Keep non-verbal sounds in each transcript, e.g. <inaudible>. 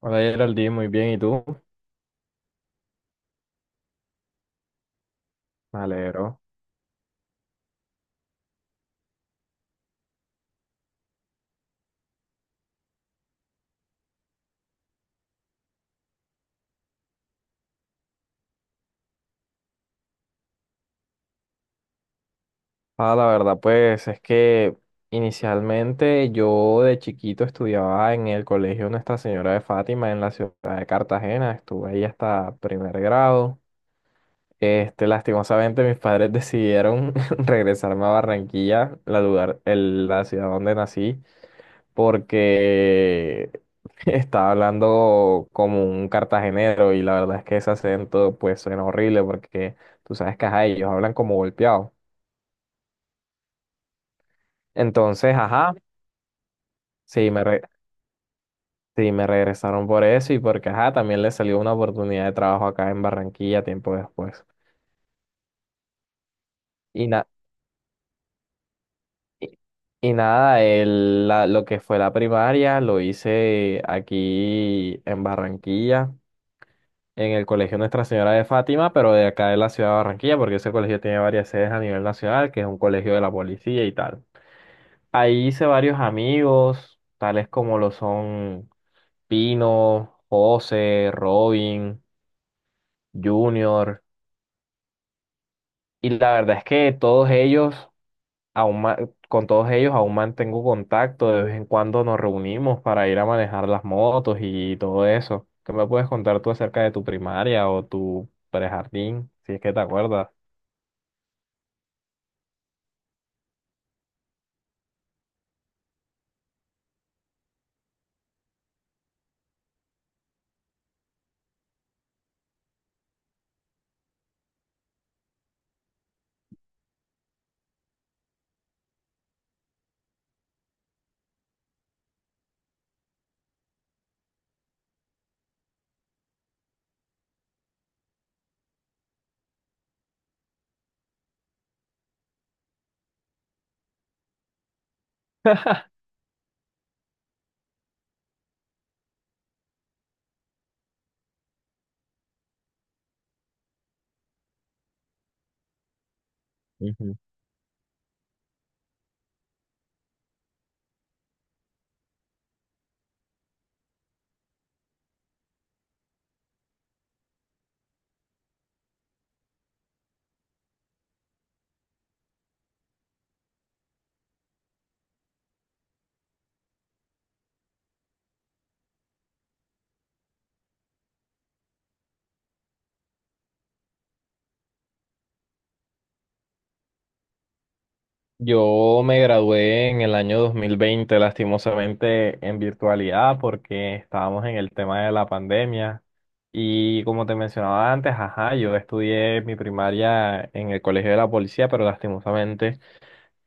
Hola Geraldine, muy bien, ¿y tú? Me alegro. Ah, la verdad, pues es que inicialmente yo de chiquito estudiaba en el colegio Nuestra Señora de Fátima en la ciudad de Cartagena, estuve ahí hasta primer grado. Lastimosamente mis padres decidieron <laughs> regresarme a Barranquilla, la lugar, la ciudad donde nací. Porque <laughs> estaba hablando como un cartagenero y la verdad es que ese acento pues suena horrible porque tú sabes que ajá, ellos hablan como golpeados. Entonces, ajá, sí me, re- sí me regresaron por eso y porque ajá, también les salió una oportunidad de trabajo acá en Barranquilla tiempo después. Y, na- y, y nada, lo que fue la primaria lo hice aquí en Barranquilla, en el Colegio Nuestra Señora de Fátima, pero de acá de la ciudad de Barranquilla, porque ese colegio tiene varias sedes a nivel nacional, que es un colegio de la policía y tal. Ahí hice varios amigos, tales como lo son Pino, José, Robin, Junior, y la verdad es que todos ellos, aún ma- con todos ellos aún mantengo contacto, de vez en cuando nos reunimos para ir a manejar las motos y todo eso. ¿Qué me puedes contar tú acerca de tu primaria o tu prejardín, si es que te acuerdas? Yo me gradué en el año 2020, lastimosamente en virtualidad, porque estábamos en el tema de la pandemia. Y como te mencionaba antes, ajá, yo estudié mi primaria en el Colegio de la Policía, pero lastimosamente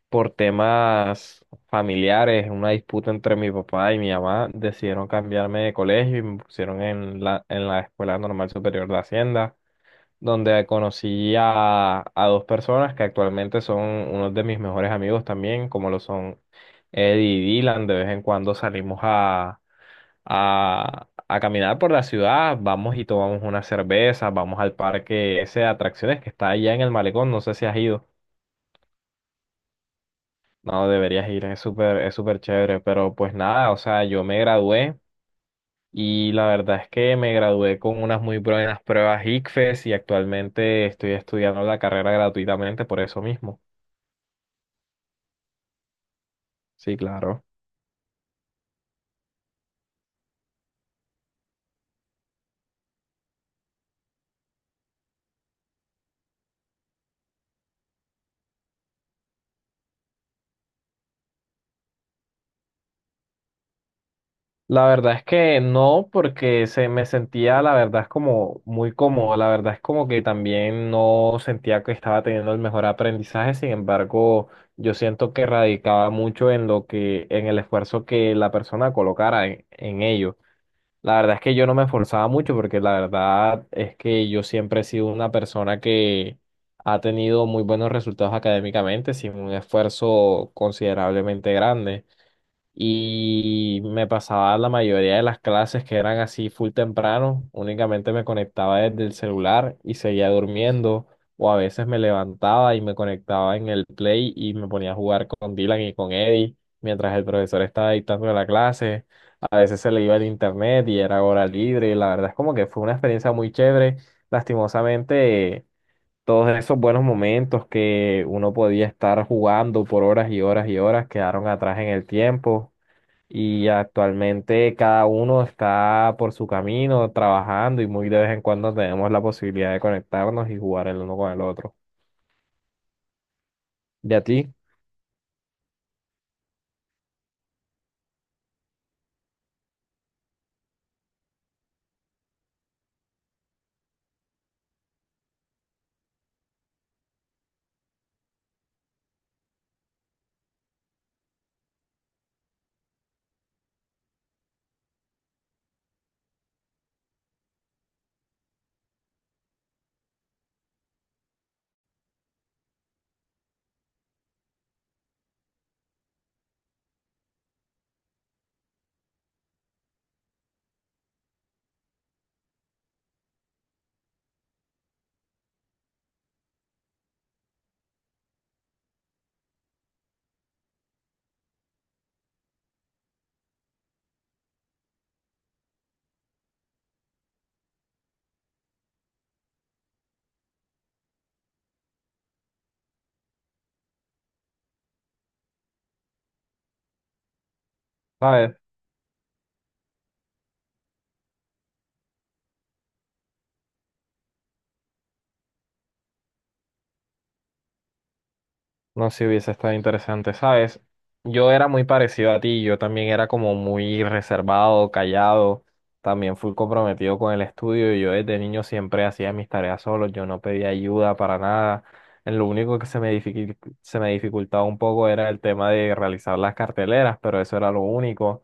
por temas familiares, una disputa entre mi papá y mi mamá, decidieron cambiarme de colegio y me pusieron en la Escuela Normal Superior de Hacienda, donde conocí a dos personas que actualmente son unos de mis mejores amigos también, como lo son Eddie y Dylan. De vez en cuando salimos a caminar por la ciudad, vamos y tomamos una cerveza, vamos al parque ese de atracciones que está allá en el malecón, no sé si has ido. No, deberías ir, es súper chévere, pero pues nada, o sea, yo me gradué y la verdad es que me gradué con unas muy buenas pruebas ICFES y actualmente estoy estudiando la carrera gratuitamente por eso mismo. Sí, claro. La verdad es que no, porque se me sentía, la verdad, es como muy cómodo. La verdad es como que también no sentía que estaba teniendo el mejor aprendizaje. Sin embargo, yo siento que radicaba mucho en lo que, en el esfuerzo que la persona colocara en ello. La verdad es que yo no me esforzaba mucho porque la verdad es que yo siempre he sido una persona que ha tenido muy buenos resultados académicamente sin un esfuerzo considerablemente grande. Y me pasaba la mayoría de las clases que eran así full temprano, únicamente me conectaba desde el celular y seguía durmiendo, o a veces me levantaba y me conectaba en el Play y me ponía a jugar con Dylan y con Eddie mientras el profesor estaba dictando la clase. A veces se le iba el internet y era hora libre, y la verdad es como que fue una experiencia muy chévere. Lastimosamente, todos esos buenos momentos que uno podía estar jugando por horas y horas y horas quedaron atrás en el tiempo. Y actualmente cada uno está por su camino, trabajando, y muy de vez en cuando tenemos la posibilidad de conectarnos y jugar el uno con el otro. ¿Y a ti? ¿Sabes? No sé si hubiese estado interesante, ¿sabes? Yo era muy parecido a ti, yo también era como muy reservado, callado, también fui comprometido con el estudio y yo desde niño siempre hacía mis tareas solo, yo no pedía ayuda para nada. En lo único que se me dificultaba un poco era el tema de realizar las carteleras, pero eso era lo único.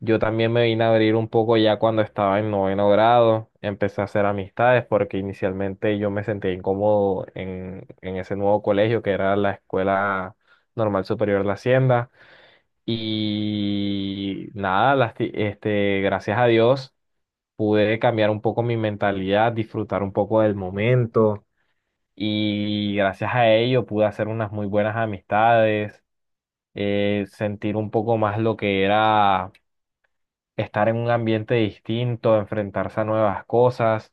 Yo también me vine a abrir un poco ya cuando estaba en noveno grado, empecé a hacer amistades porque inicialmente yo me sentía incómodo en ese nuevo colegio que era la Escuela Normal Superior de la Hacienda y nada, gracias a Dios pude cambiar un poco mi mentalidad, disfrutar un poco del momento, y gracias a ello pude hacer unas muy buenas amistades, sentir un poco más lo que era estar en un ambiente distinto, enfrentarse a nuevas cosas.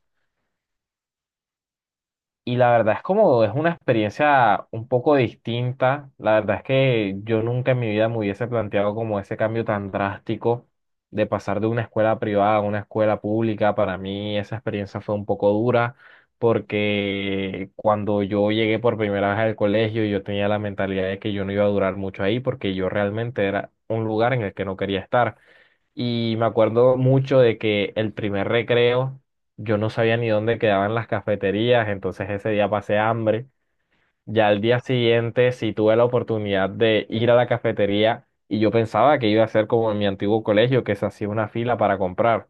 Y la verdad es como es una experiencia un poco distinta. La verdad es que yo nunca en mi vida me hubiese planteado como ese cambio tan drástico de pasar de una escuela privada a una escuela pública. Para mí esa experiencia fue un poco dura porque cuando yo llegué por primera vez al colegio yo tenía la mentalidad de que yo no iba a durar mucho ahí porque yo realmente era un lugar en el que no quería estar. Y me acuerdo mucho de que el primer recreo yo no sabía ni dónde quedaban las cafeterías, entonces ese día pasé hambre. Ya al día siguiente sí tuve la oportunidad de ir a la cafetería y yo pensaba que iba a ser como en mi antiguo colegio, que se hacía una fila para comprar.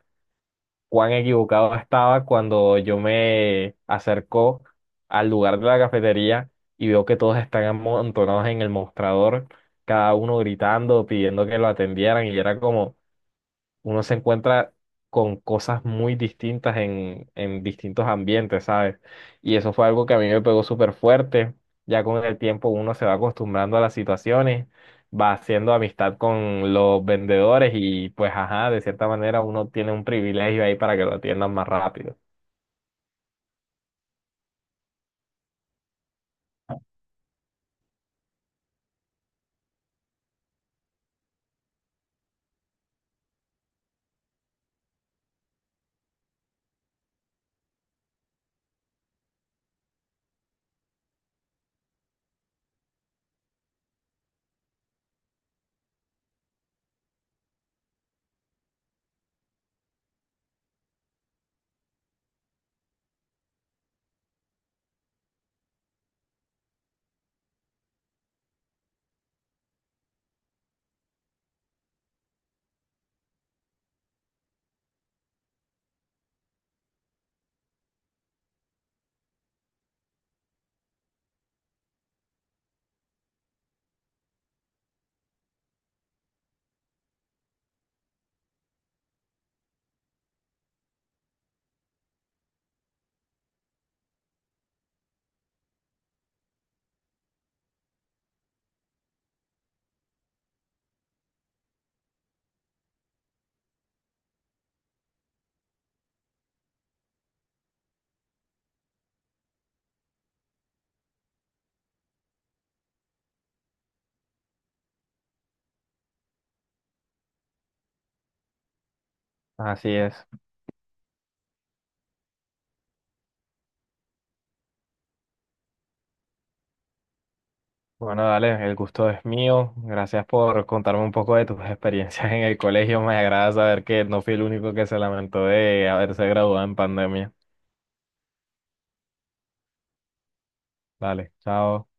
Cuán equivocado estaba cuando yo me acercó al lugar de la cafetería y veo que todos están amontonados en el mostrador, cada uno gritando, pidiendo que lo atendieran, y era como uno se encuentra con cosas muy distintas en distintos ambientes, ¿sabes? Y eso fue algo que a mí me pegó súper fuerte. Ya con el tiempo uno se va acostumbrando a las situaciones, va haciendo amistad con los vendedores y pues ajá, de cierta manera uno tiene un privilegio ahí para que lo atiendan más rápido. Así es. Bueno, dale, el gusto es mío. Gracias por contarme un poco de tus <laughs> experiencias en el colegio. Me agrada saber que no fui el único que se lamentó de haberse graduado en pandemia. Vale, chao.